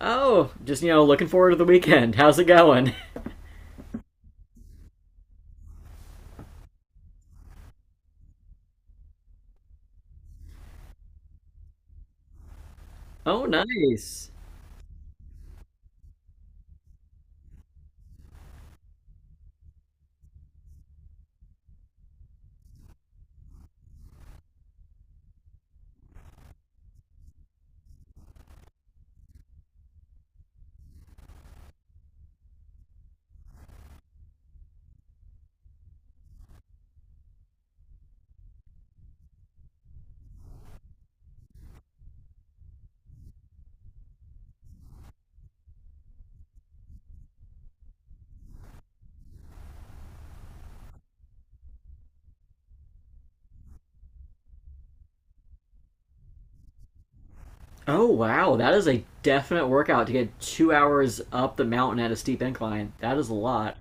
Oh, just looking forward to the weekend. How's it going? Oh, nice. Oh, wow. That is a definite workout to get 2 hours up the mountain at a steep incline. That is a lot.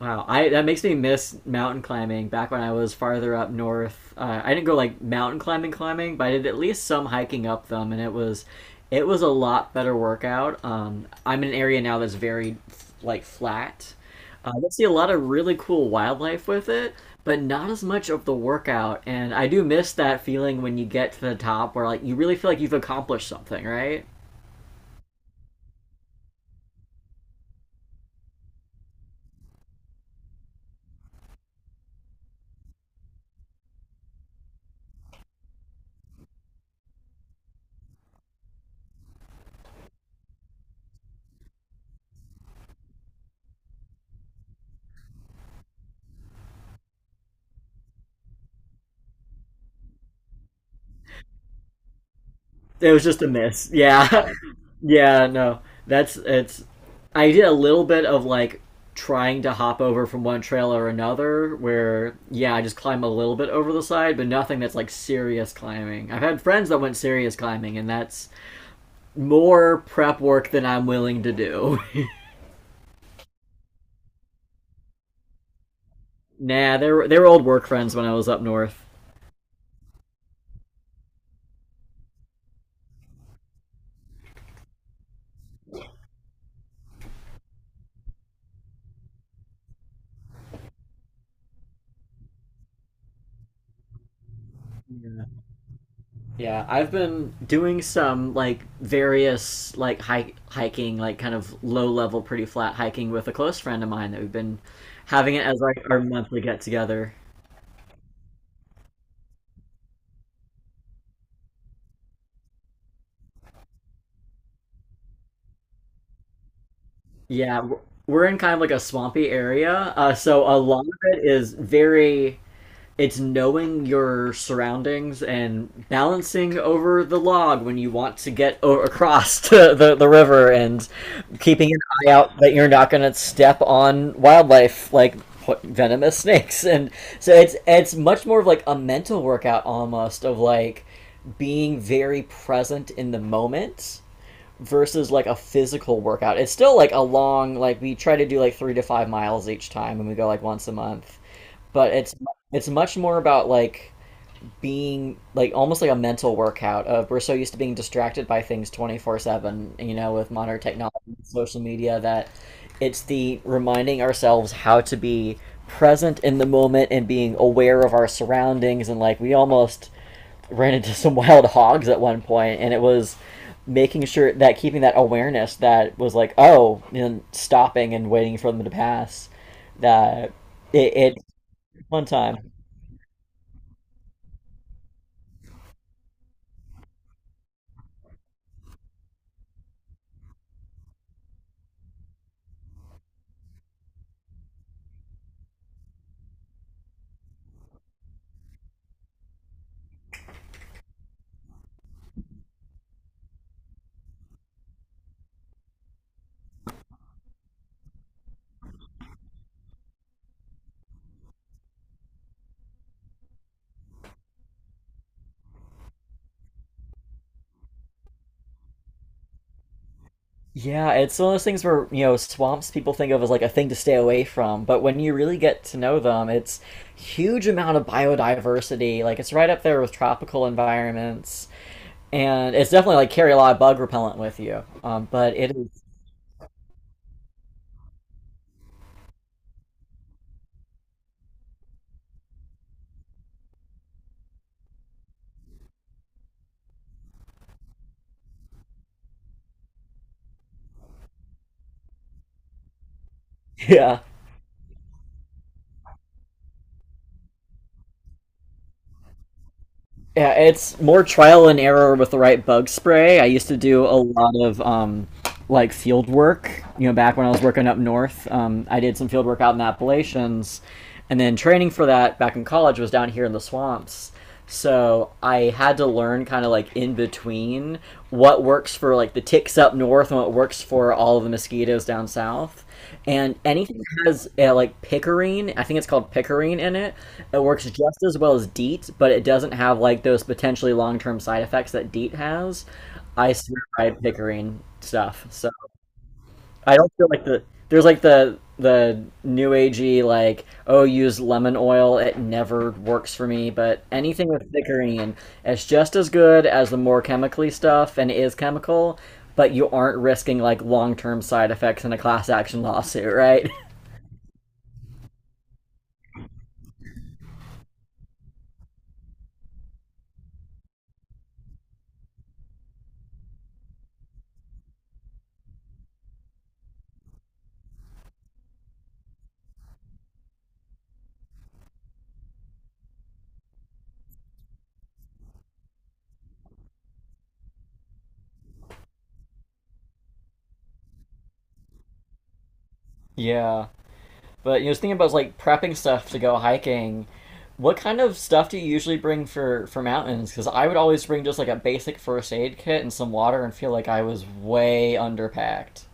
Wow, I that makes me miss mountain climbing. Back when I was farther up north, I didn't go like mountain climbing, climbing, but I did at least some hiking up them, and it was a lot better workout. I'm in an area now that's very like flat. I see a lot of really cool wildlife with it, but not as much of the workout. And I do miss that feeling when you get to the top, where like you really feel like you've accomplished something, right? It was just a miss. Yeah. Yeah, no. That's it's I did a little bit of like trying to hop over from one trail or another where yeah, I just climb a little bit over the side, but nothing that's like serious climbing. I've had friends that went serious climbing and that's more prep work than I'm willing to do. Nah, they were old work friends when I was up north. Yeah. Yeah, I've been doing some like various like hike hiking, like kind of low level, pretty flat hiking with a close friend of mine that we've been having it as like our monthly get together. Yeah, we're in kind of like a swampy area, so a lot of it is very it's knowing your surroundings and balancing over the log when you want to get across to the river and keeping an eye out that you're not going to step on wildlife like venomous snakes and so it's much more of like a mental workout almost of like being very present in the moment versus like a physical workout. It's still like a long like we try to do like 3 to 5 miles each time and we go like once a month. But it's much more about like being like almost like a mental workout of we're so used to being distracted by things 24/7, with modern technology and social media. That it's the reminding ourselves how to be present in the moment and being aware of our surroundings, and like we almost ran into some wild hogs at one point, and it was making sure that keeping that awareness that was like oh, and stopping and waiting for them to pass that it one time Yeah, it's one of those things where, swamps people think of as like a thing to stay away from, but when you really get to know them, it's huge amount of biodiversity. Like it's right up there with tropical environments. And it's definitely like carry a lot of bug repellent with you. But it is yeah. Yeah, it's more trial and error with the right bug spray. I used to do a lot of like field work. Back when I was working up north, I did some field work out in the Appalachians, and then training for that back in college was down here in the swamps. So I had to learn kind of like in between what works for like the ticks up north and what works for all of the mosquitoes down south. And anything that has like picarine. I think it's called picarine in it. It works just as well as DEET, but it doesn't have like those potentially long term side effects that DEET has. I swear by picarine stuff. So I don't feel like there's like the new agey like oh use lemon oil, it never works for me, but anything with thickerine is just as good as the more chemically stuff, and it is chemical, but you aren't risking like long-term side effects in a class action lawsuit. Right. Yeah, but you know, just thinking about like prepping stuff to go hiking. What kind of stuff do you usually bring for mountains? Because I would always bring just like a basic first aid kit and some water, and feel like I was way underpacked.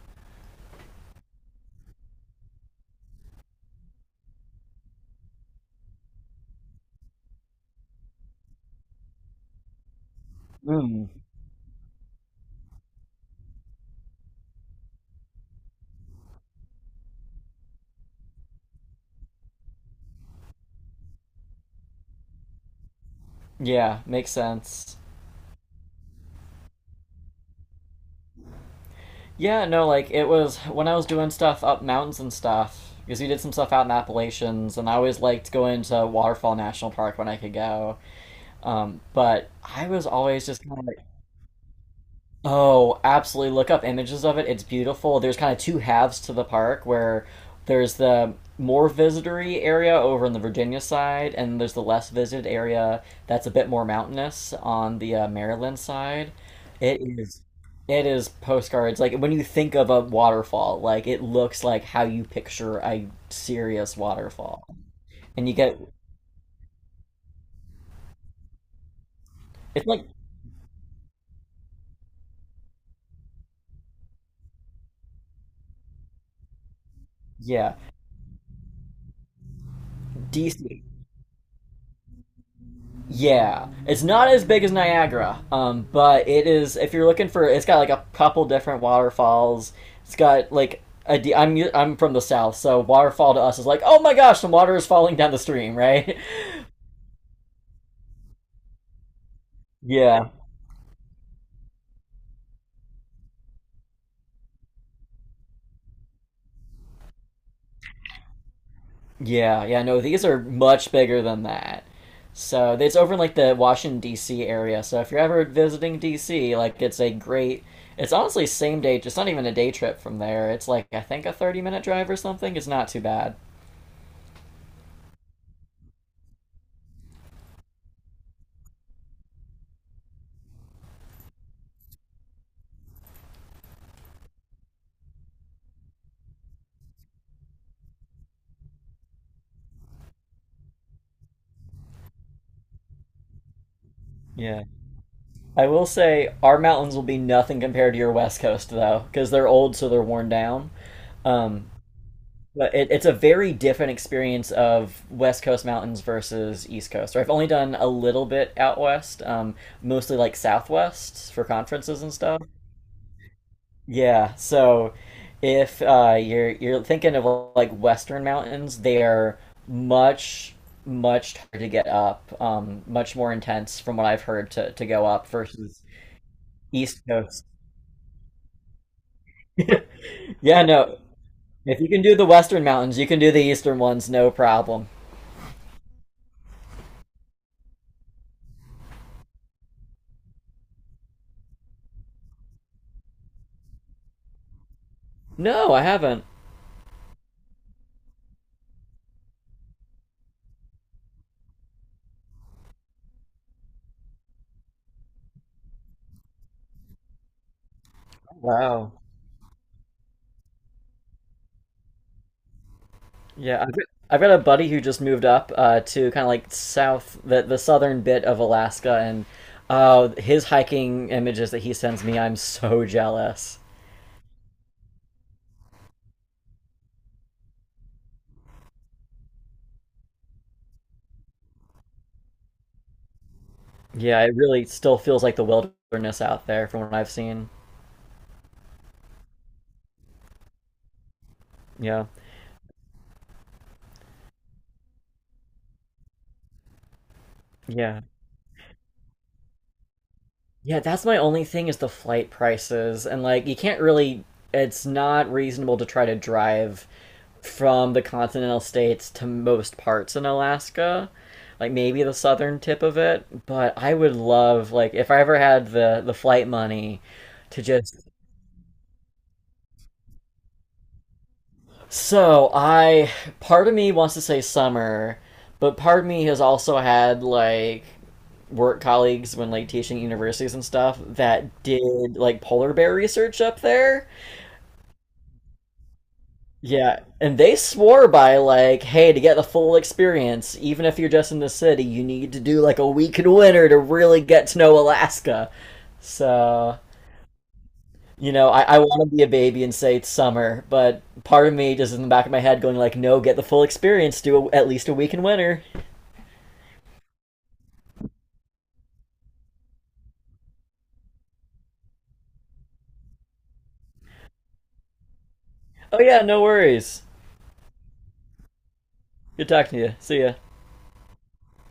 Mm. Yeah, makes sense. Yeah, no, like it was when I was doing stuff up mountains and stuff because we did some stuff out in Appalachians, and I always liked going to Waterfall National Park when I could go. But I was always just kind of like, Oh, absolutely. Look up images of it. It's beautiful. There's kind of two halves to the park where there's the more visitory area over on the Virginia side, and there's the less visited area that's a bit more mountainous on the Maryland side. It is. It is postcards. Like when you think of a waterfall, like it looks like how you picture a serious waterfall. And you get it's like Yeah, DC. Yeah, it's not as big as Niagara, but it is. If you're looking for, it's got like a couple different waterfalls. It's got like I D- I u- I'm from the south, so waterfall to us is like, oh my gosh, some water is falling down the stream, right? Yeah, yeah, yeah. No, these are much bigger than that. So it's over in like the Washington D.C. area. So if you're ever visiting D.C., like it's a great. It's honestly same day. It's not even a day trip from there. It's like I think a 30-minute drive or something. It's not too bad. Yeah. I will say our mountains will be nothing compared to your West Coast though, because they're old, so they're worn down. Um, but it's a very different experience of West Coast mountains versus East Coast. Or I've only done a little bit out west, mostly like Southwest for conferences and stuff. Yeah, so if you're thinking of like Western mountains, they are much much harder to get up, much more intense from what I've heard to go up versus East Coast. Yeah, no. If you can do the western mountains, you can do the eastern ones, no problem. No, I haven't. Wow. Yeah, I've, I've got a buddy who just moved up to kind of like south, the southern bit of Alaska, and his hiking images that he sends me, I'm so jealous. Yeah, it really still feels like the wilderness out there from what I've seen. Yeah, yeah. Yeah, that's my only thing is the flight prices. And like you can't really it's not reasonable to try to drive from the continental states to most parts in Alaska. Like maybe the southern tip of it, but I would love like if I ever had the flight money to just so I part of me wants to say summer, but part of me has also had like work colleagues when like teaching universities and stuff that did like polar bear research up there. Yeah, and they swore by like, hey, to get the full experience, even if you're just in the city, you need to do like a week in winter to really get to know Alaska. So I want to be a baby and say it's summer, but part of me just in the back of my head going like, no, get the full experience, do a, at least a week in winter. Oh yeah, no worries. Good talking to you. See ya.